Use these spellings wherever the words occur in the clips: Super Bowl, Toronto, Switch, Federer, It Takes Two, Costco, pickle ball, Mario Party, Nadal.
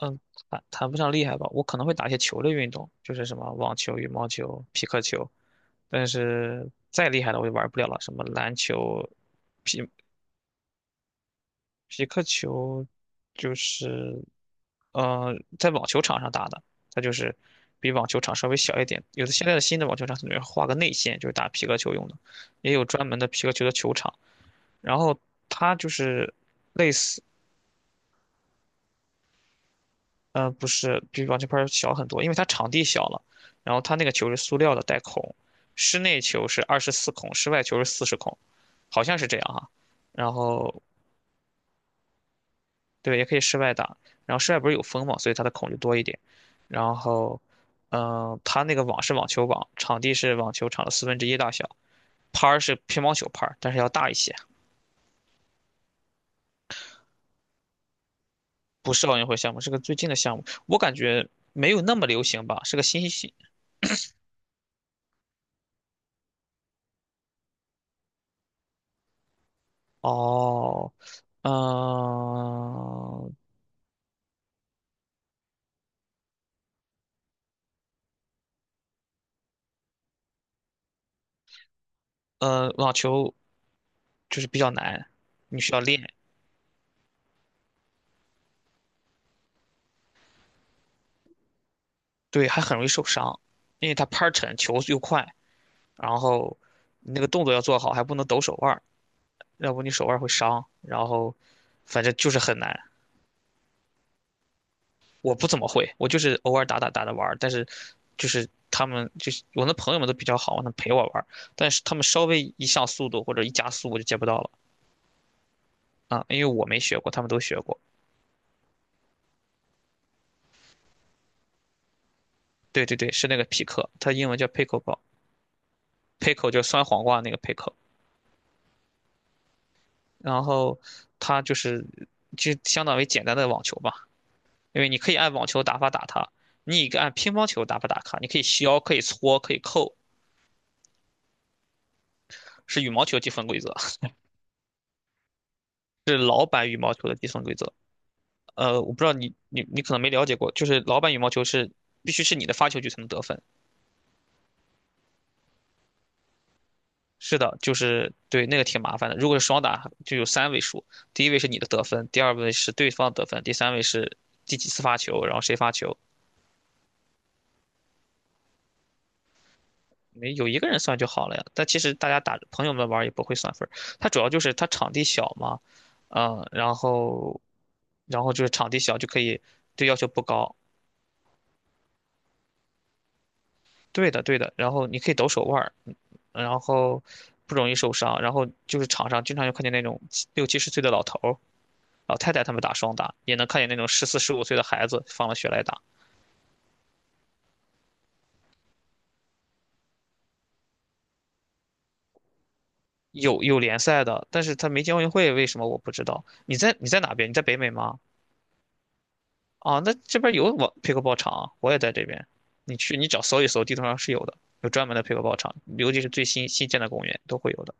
嗯，谈不上厉害吧，我可能会打一些球类运动，就是什么网球、羽毛球、匹克球，但是再厉害的我也玩不了了，什么篮球、匹匹克球，就是呃，在网球场上打的，它就是比网球场稍微小一点。有的现在的新的网球场它里面画个内线，就是打皮克球用的，也有专门的皮克球的球场。然后它就是类似，不是，比网球拍儿小很多，因为它场地小了，然后它那个球是塑料的，带孔，室内球是24孔，室外球是40孔，好像是这样哈。然后对，也可以室外打，然后室外不是有风嘛，所以它的孔就多一点。然后，它那个网是网球网，场地是网球场的四分之一大小，拍儿是乒乓球拍儿但是要大一些，不是奥运会项目，是个最近的项目，我感觉没有那么流行吧，是个新。哦，嗯，网球就是比较难，你需要练，对，还很容易受伤，因为它拍儿沉，球又快，然后你那个动作要做好，还不能抖手腕儿，要不你手腕儿会伤，然后反正就是很难。我不怎么会，我就是偶尔打打着玩儿，但是就是他们我那朋友们都比较好，能陪我玩儿，但是他们稍微一上速度或者一加速我就接不到了啊，因为我没学过，他们都学过。对对对，是那个匹克，它英文叫 pickle ball，pickle 就是酸黄瓜那个 pickle，然后它就是就相当于简单的网球吧，因为你可以按网球打法打它，你也可以按乒乓球打法打它，你可以削，可以搓，可以扣，是羽毛球积分规则，是老版羽毛球的积分规则。我不知道你可能没了解过，就是老版羽毛球是必须是你的发球局才能得分，是的，就是对那个挺麻烦的。如果是双打，就有三位数，第一位是你的得分，第二位是对方得分，第三位是第几次发球，然后谁发球，没有一个人算就好了呀。但其实大家打朋友们玩儿也不会算分儿，它主要就是它场地小嘛，嗯，然后就是场地小就可以，对，要求不高，对的对的，然后你可以抖手腕儿，然后不容易受伤，然后就是场上经常就看见那种70岁的老头儿，老太太他们打双打，也能看见那种14、15岁的孩子放了学来打。有联赛的，但是他没进奥运会，为什么我不知道？你在哪边？你在北美吗？啊，那这边有pickleball 场啊，我也在这边。你找搜一搜，地图上是有的，有专门的 pickleball 场，尤其是最新建的公园都会有的。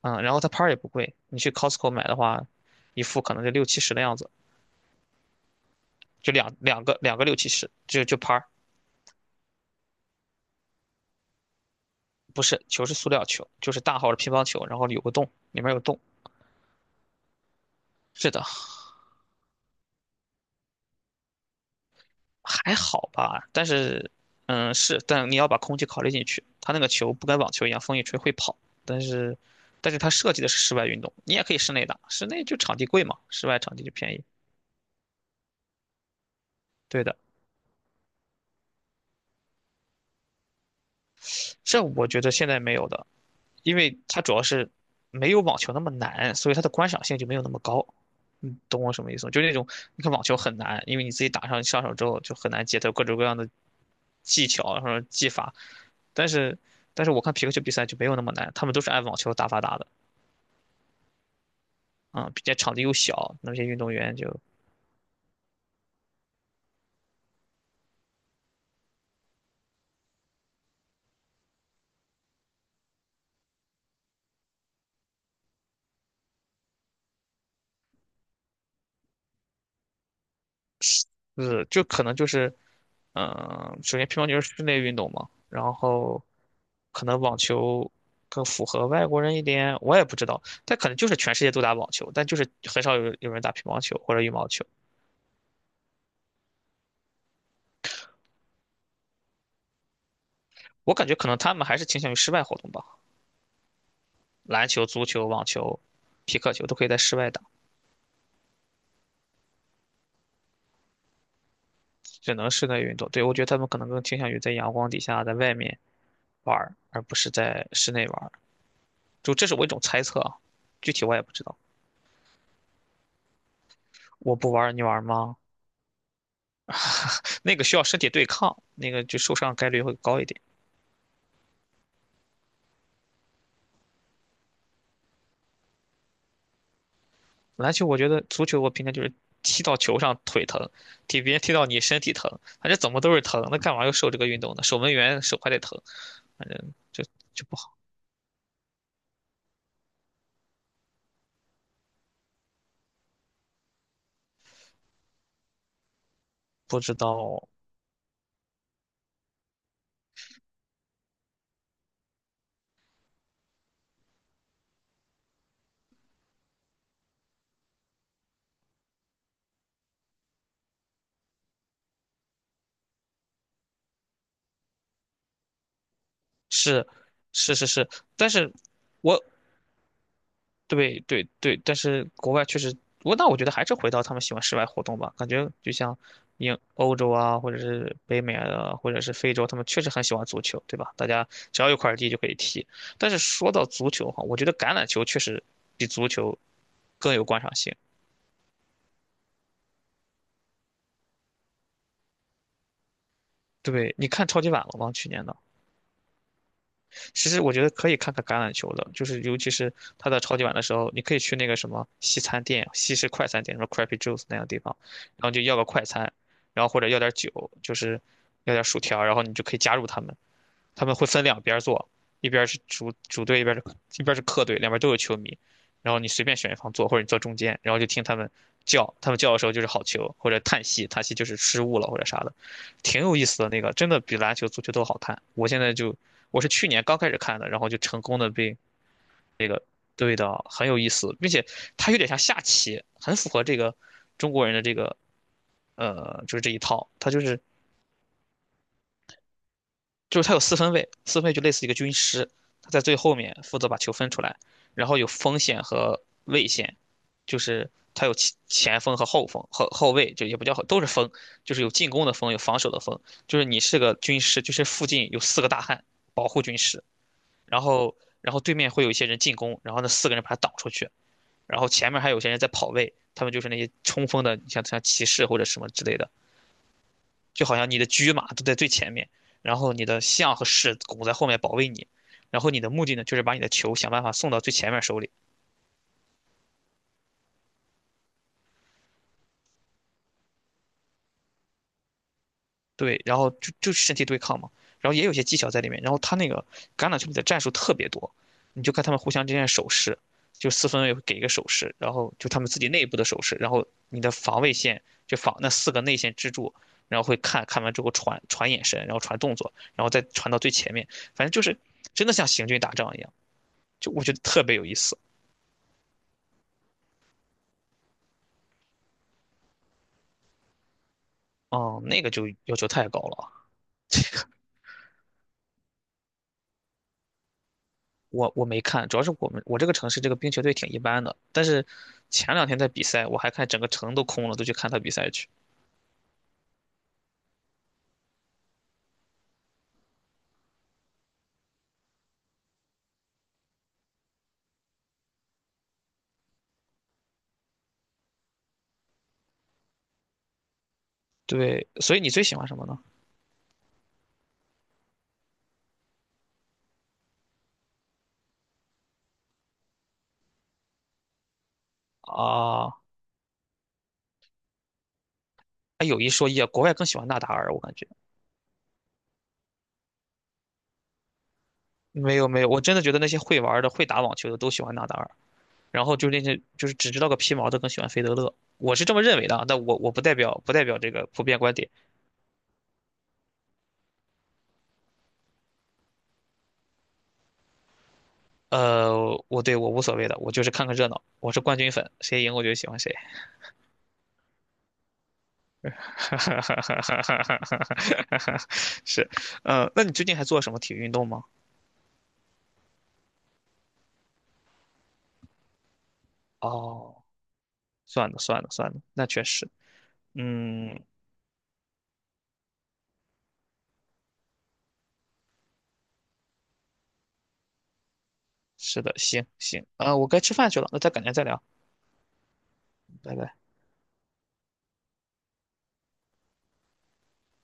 嗯，然后它拍儿也不贵，你去 Costco 买的话，一副可能就六七十的样子，就两个六七十，就拍儿，不是，球是塑料球，就是大号的乒乓球，然后有个洞，里面有洞。是的，还好吧，但是，嗯，是，但你要把空气考虑进去。它那个球不跟网球一样，风一吹会跑，但是，它设计的是室外运动，你也可以室内打，室内就场地贵嘛，室外场地就便宜。对的，这我觉得现在没有的，因为它主要是没有网球那么难，所以它的观赏性就没有那么高。你懂我什么意思吗？就那种你看网球很难，因为你自己打上手之后就很难接，它有各种各样的技巧，然后技法，但是但是我看皮克球比赛就没有那么难，他们都是按网球打法打的。嗯，并且场地又小，那些运动员就就可能就是，首先乒乓球是室内运动嘛，然后可能网球更符合外国人一点，我也不知道，但可能就是全世界都打网球，但就是很少有人打乒乓球或者羽毛球，我感觉可能他们还是倾向于室外活动吧，篮球、足球、网球。皮克球都可以在室外打，只能室内运动。对，我觉得他们可能更倾向于在阳光底下，在外面玩儿，而不是在室内玩儿。就这是我一种猜测啊，具体我也不知道。我不玩儿，你玩儿吗？那个需要身体对抗，那个就受伤概率会高一点。篮球我觉得，足球我平常就是踢到球上腿疼，踢别人踢到你身体疼，反正怎么都是疼。那干嘛要受这个运动呢？守门员手还得疼，反正就不好。不知道，是是是是，但是，我对对对，但是国外确实，那我觉得还是回到他们喜欢室外活动吧。感觉就像欧洲啊，或者是北美啊，或者是非洲，他们确实很喜欢足球，对吧？大家只要有块地就可以踢。但是说到足球哈，我觉得橄榄球确实比足球更有观赏性。对，你看超级碗了吗？去年的。其实我觉得可以看看橄榄球的，就是尤其是他到超级碗的时候，你可以去那个什么西餐店、西式快餐店，什么 Crappy Juice 那样的地方，然后就要个快餐，然后或者要点酒，就是要点薯条，然后你就可以加入他们，他们会分两边儿坐，一边儿是主队，一边儿是客队，两边儿都有球迷。然后你随便选一方坐，或者你坐中间，然后就听他们叫，他们叫的时候就是好球，或者叹息，叹息就是失误了或者啥的，挺有意思的那个，真的比篮球、足球都好看。我现在就我是去年刚开始看的，然后就成功的被那个，对的，很有意思，并且它有点像下棋，很符合这个中国人的这个，就是这一套，它就是就是他有四分卫，四分卫就类似一个军师，他在最后面负责把球分出来，然后有锋线和卫线，就是他有前锋和后锋后后卫，就也不叫后，都是锋，就是有进攻的锋，有防守的锋，就是你是个军师，就是附近有4个大汉保护军师，然后然后对面会有一些人进攻，然后那4个人把他挡出去，然后前面还有些人在跑位，他们就是那些冲锋的，像骑士或者什么之类的。就好像你的车马都在最前面，然后你的象和士拱在后面保卫你，然后你的目的呢，就是把你的球想办法送到最前面手里。对，然后就身体对抗嘛，然后也有些技巧在里面，然后他那个橄榄球里的战术特别多，你就看他们互相之间的手势，就四分卫会给一个手势，然后就他们自己内部的手势，然后你的防卫线就防那4个内线支柱。然后会看完之后传眼神，然后传动作，然后再传到最前面，反正就是真的像行军打仗一样，就我觉得特别有意思。哦，那个就要求太高了。我没看，主要是我这个城市这个冰球队挺一般的。但是前两天在比赛，我还看整个城都空了，都去看他比赛去。对，所以你最喜欢什么呢？啊，哎，有一说一啊，国外更喜欢纳达尔，我感觉。没有没有，我真的觉得那些会玩的、会打网球的都喜欢纳达尔，然后就那些就是只知道个皮毛的更喜欢费德勒，我是这么认为的啊，但我不代表这个普遍观点。我无所谓的，我就是看看热闹，我是冠军粉，谁赢我就喜欢谁。哈，哈哈哈哈哈哈哈，是，那你最近还做什么体育运动吗？哦，算了算了算了，那确实，嗯，是的，行行，啊，我该吃饭去了，那再改天再聊，拜拜。